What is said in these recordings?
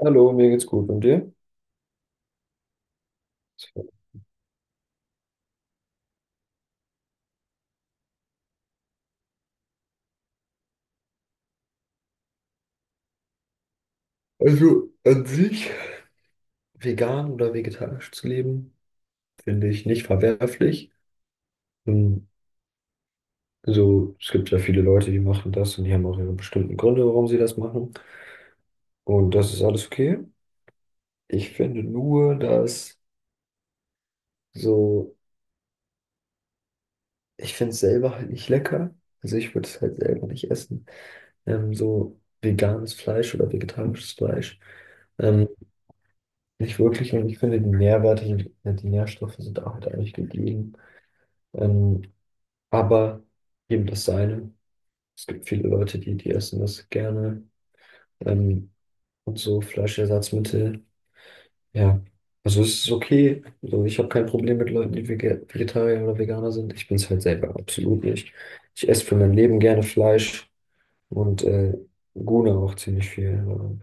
Hallo, mir geht's gut. Und dir? Also an sich, vegan oder vegetarisch zu leben, finde ich nicht verwerflich. Ähm, Es gibt ja viele Leute, die machen das und die haben auch ihre bestimmten Gründe, warum sie das machen. Und das ist alles okay. Ich finde nur, dass so, ich finde es selber halt nicht lecker. Also ich würde es halt selber nicht essen. So veganes Fleisch oder vegetarisches Fleisch. Ähm, Nicht wirklich. Und ich finde die Nährwerte, die Nährstoffe sind auch halt eigentlich gegeben. Ähm, aber jedem das seine. Es gibt viele Leute, die essen das gerne. Ähm, und so Fleischersatzmittel. Ja, also es ist okay. Also ich habe kein Problem mit Leuten, die Vegetarier oder Veganer sind. Ich bin es halt selber absolut nicht. Ich esse für mein Leben gerne Fleisch und Guna auch ziemlich viel. Aber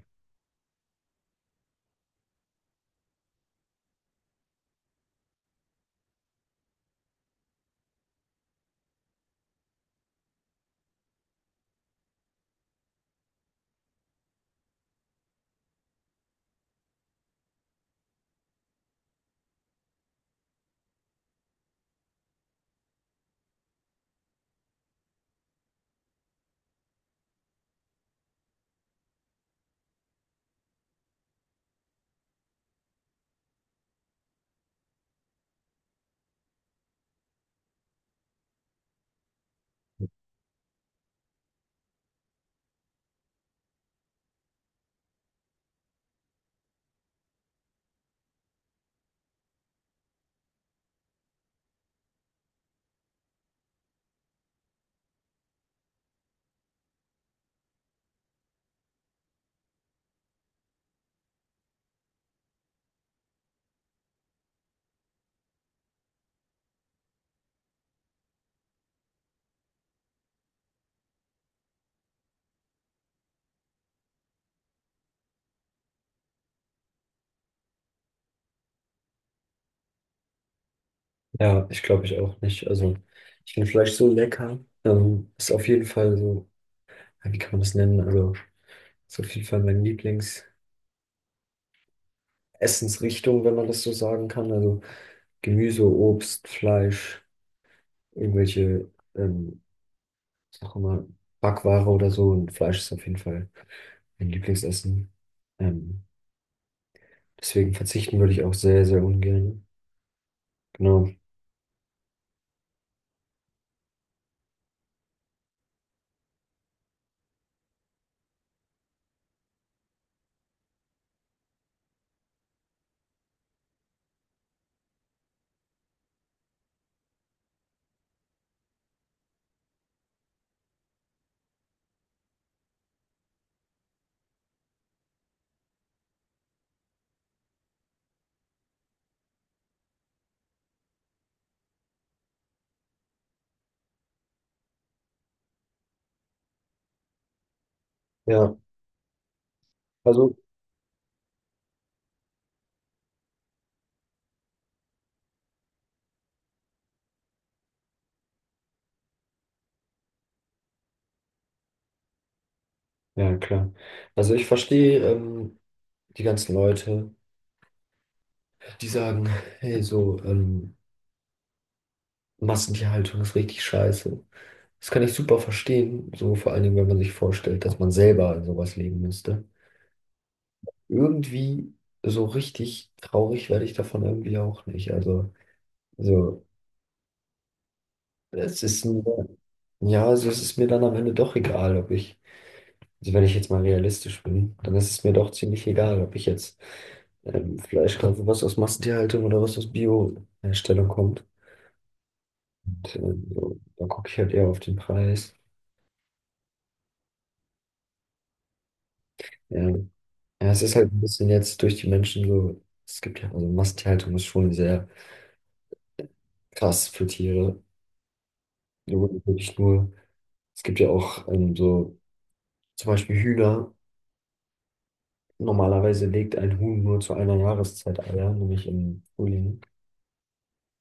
ja, ich glaube ich auch nicht. Also ich finde Fleisch so lecker. Ist auf jeden Fall so, ja, wie kann man das nennen? Also ist auf jeden Fall mein Lieblings. Essensrichtung, wenn man das so sagen kann. Also Gemüse, Obst, Fleisch, irgendwelche, sag mal, Backware oder so. Und Fleisch ist auf jeden Fall mein Lieblingsessen. Ähm, Deswegen verzichten würde ich auch sehr, sehr ungern. Genau. Ja, also, ja, klar. Also ich verstehe die ganzen Leute, die sagen, hey, so, Massentierhaltung ist richtig scheiße. Das kann ich super verstehen, so vor allen Dingen, wenn man sich vorstellt, dass man selber in sowas leben müsste. Irgendwie so richtig traurig werde ich davon irgendwie auch nicht. So, Es ist mir, ja, also es ist mir dann am Ende doch egal, also wenn ich jetzt mal realistisch bin, dann ist es mir doch ziemlich egal, ob ich jetzt Fleisch kaufe, was aus Massentierhaltung oder was aus Bio-Herstellung kommt. Dann gucke ich halt eher auf den Preis. Ja. Ja, es ist halt ein bisschen jetzt durch die Menschen so, es gibt ja, also Massentierhaltung ist schon sehr krass für Tiere. Da wurde wirklich nur. Es gibt ja auch so zum Beispiel Hühner. Normalerweise legt ein Huhn nur zu einer Jahreszeit Eier, nämlich im Frühling.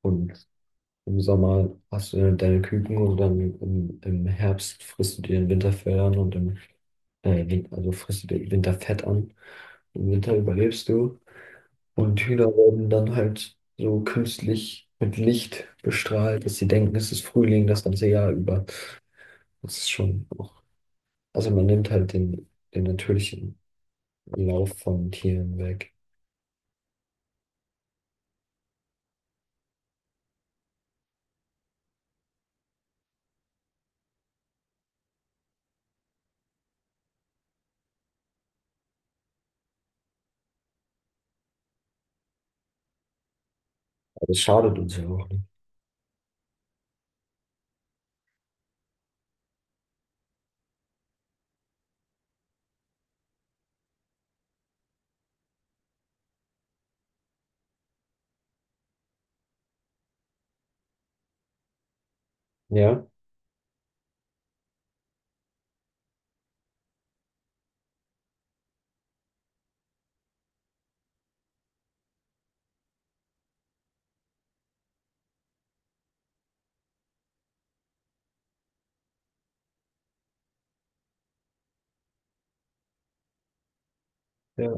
Und im Sommer hast du dann deine Küken und dann im Herbst frisst du dir den Winterfell an und im also frisst du dir im Winter an. Im Winter überlebst du. Und Hühner werden dann halt so künstlich mit Licht bestrahlt, dass sie denken, es ist Frühling das ganze Jahr über. Das ist schon auch. Also man nimmt halt den natürlichen. Lauf von Tieren weg. Aber es schadet uns ja auch nicht. Ja, ja,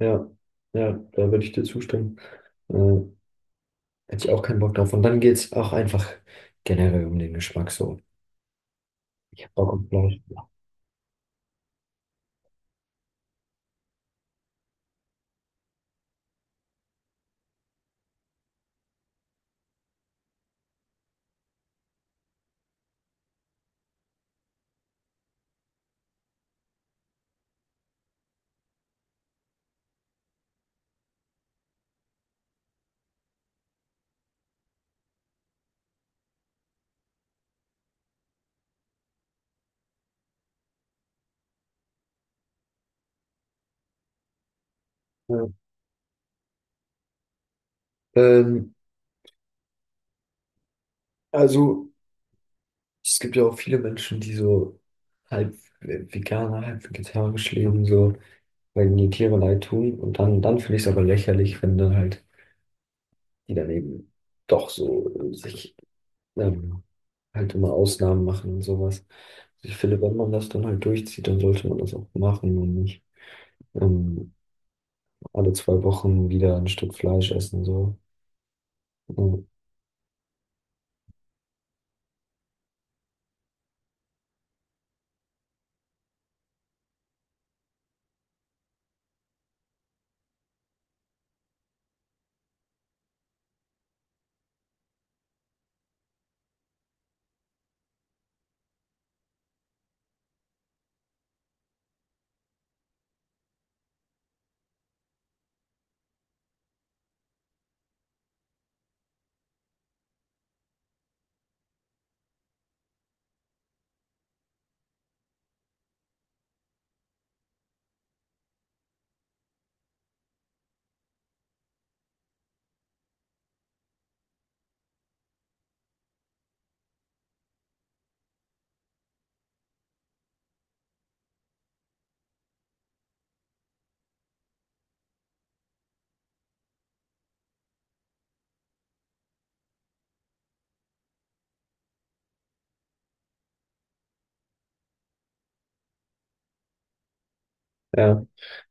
ja, ja, da würde ich dir zustimmen. Äh, Hätte ich auch keinen Bock drauf. Und dann geht es auch einfach generell um den Geschmack so. Ich hab Bock auf Fleisch. Ja. Ähm, also, Es gibt ja auch viele Menschen, die so halb veganer, halb vegetarisch leben, so, weil ihnen die Tiere leid tun. Und dann finde ich es aber lächerlich, wenn dann halt die daneben doch so sich ähm, halt immer Ausnahmen machen und sowas. Ich finde, wenn man das dann halt durchzieht, dann sollte man das auch machen und nicht ähm, alle zwei Wochen wieder ein Stück Fleisch essen. So. Ja,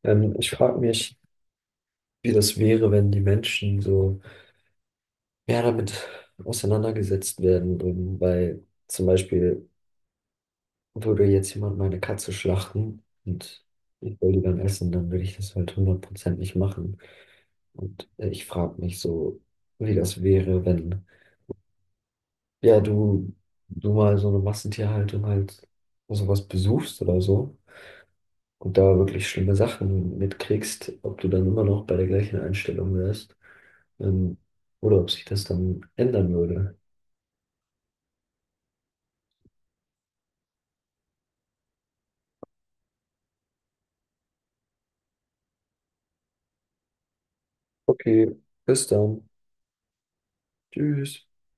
ich frage mich, wie das wäre, wenn die Menschen so mehr damit auseinandergesetzt werden würden, weil zum Beispiel würde jetzt jemand meine Katze schlachten und ich will die dann essen, dann würde ich das halt 100% nicht machen. Und ich frage mich so, wie das wäre, wenn ja, du mal so eine Massentierhaltung halt sowas besuchst oder so und da wirklich schlimme Sachen mitkriegst, ob du dann immer noch bei der gleichen Einstellung wärst, ähm, oder ob sich das dann ändern würde. Okay, bis dann. Tschüss.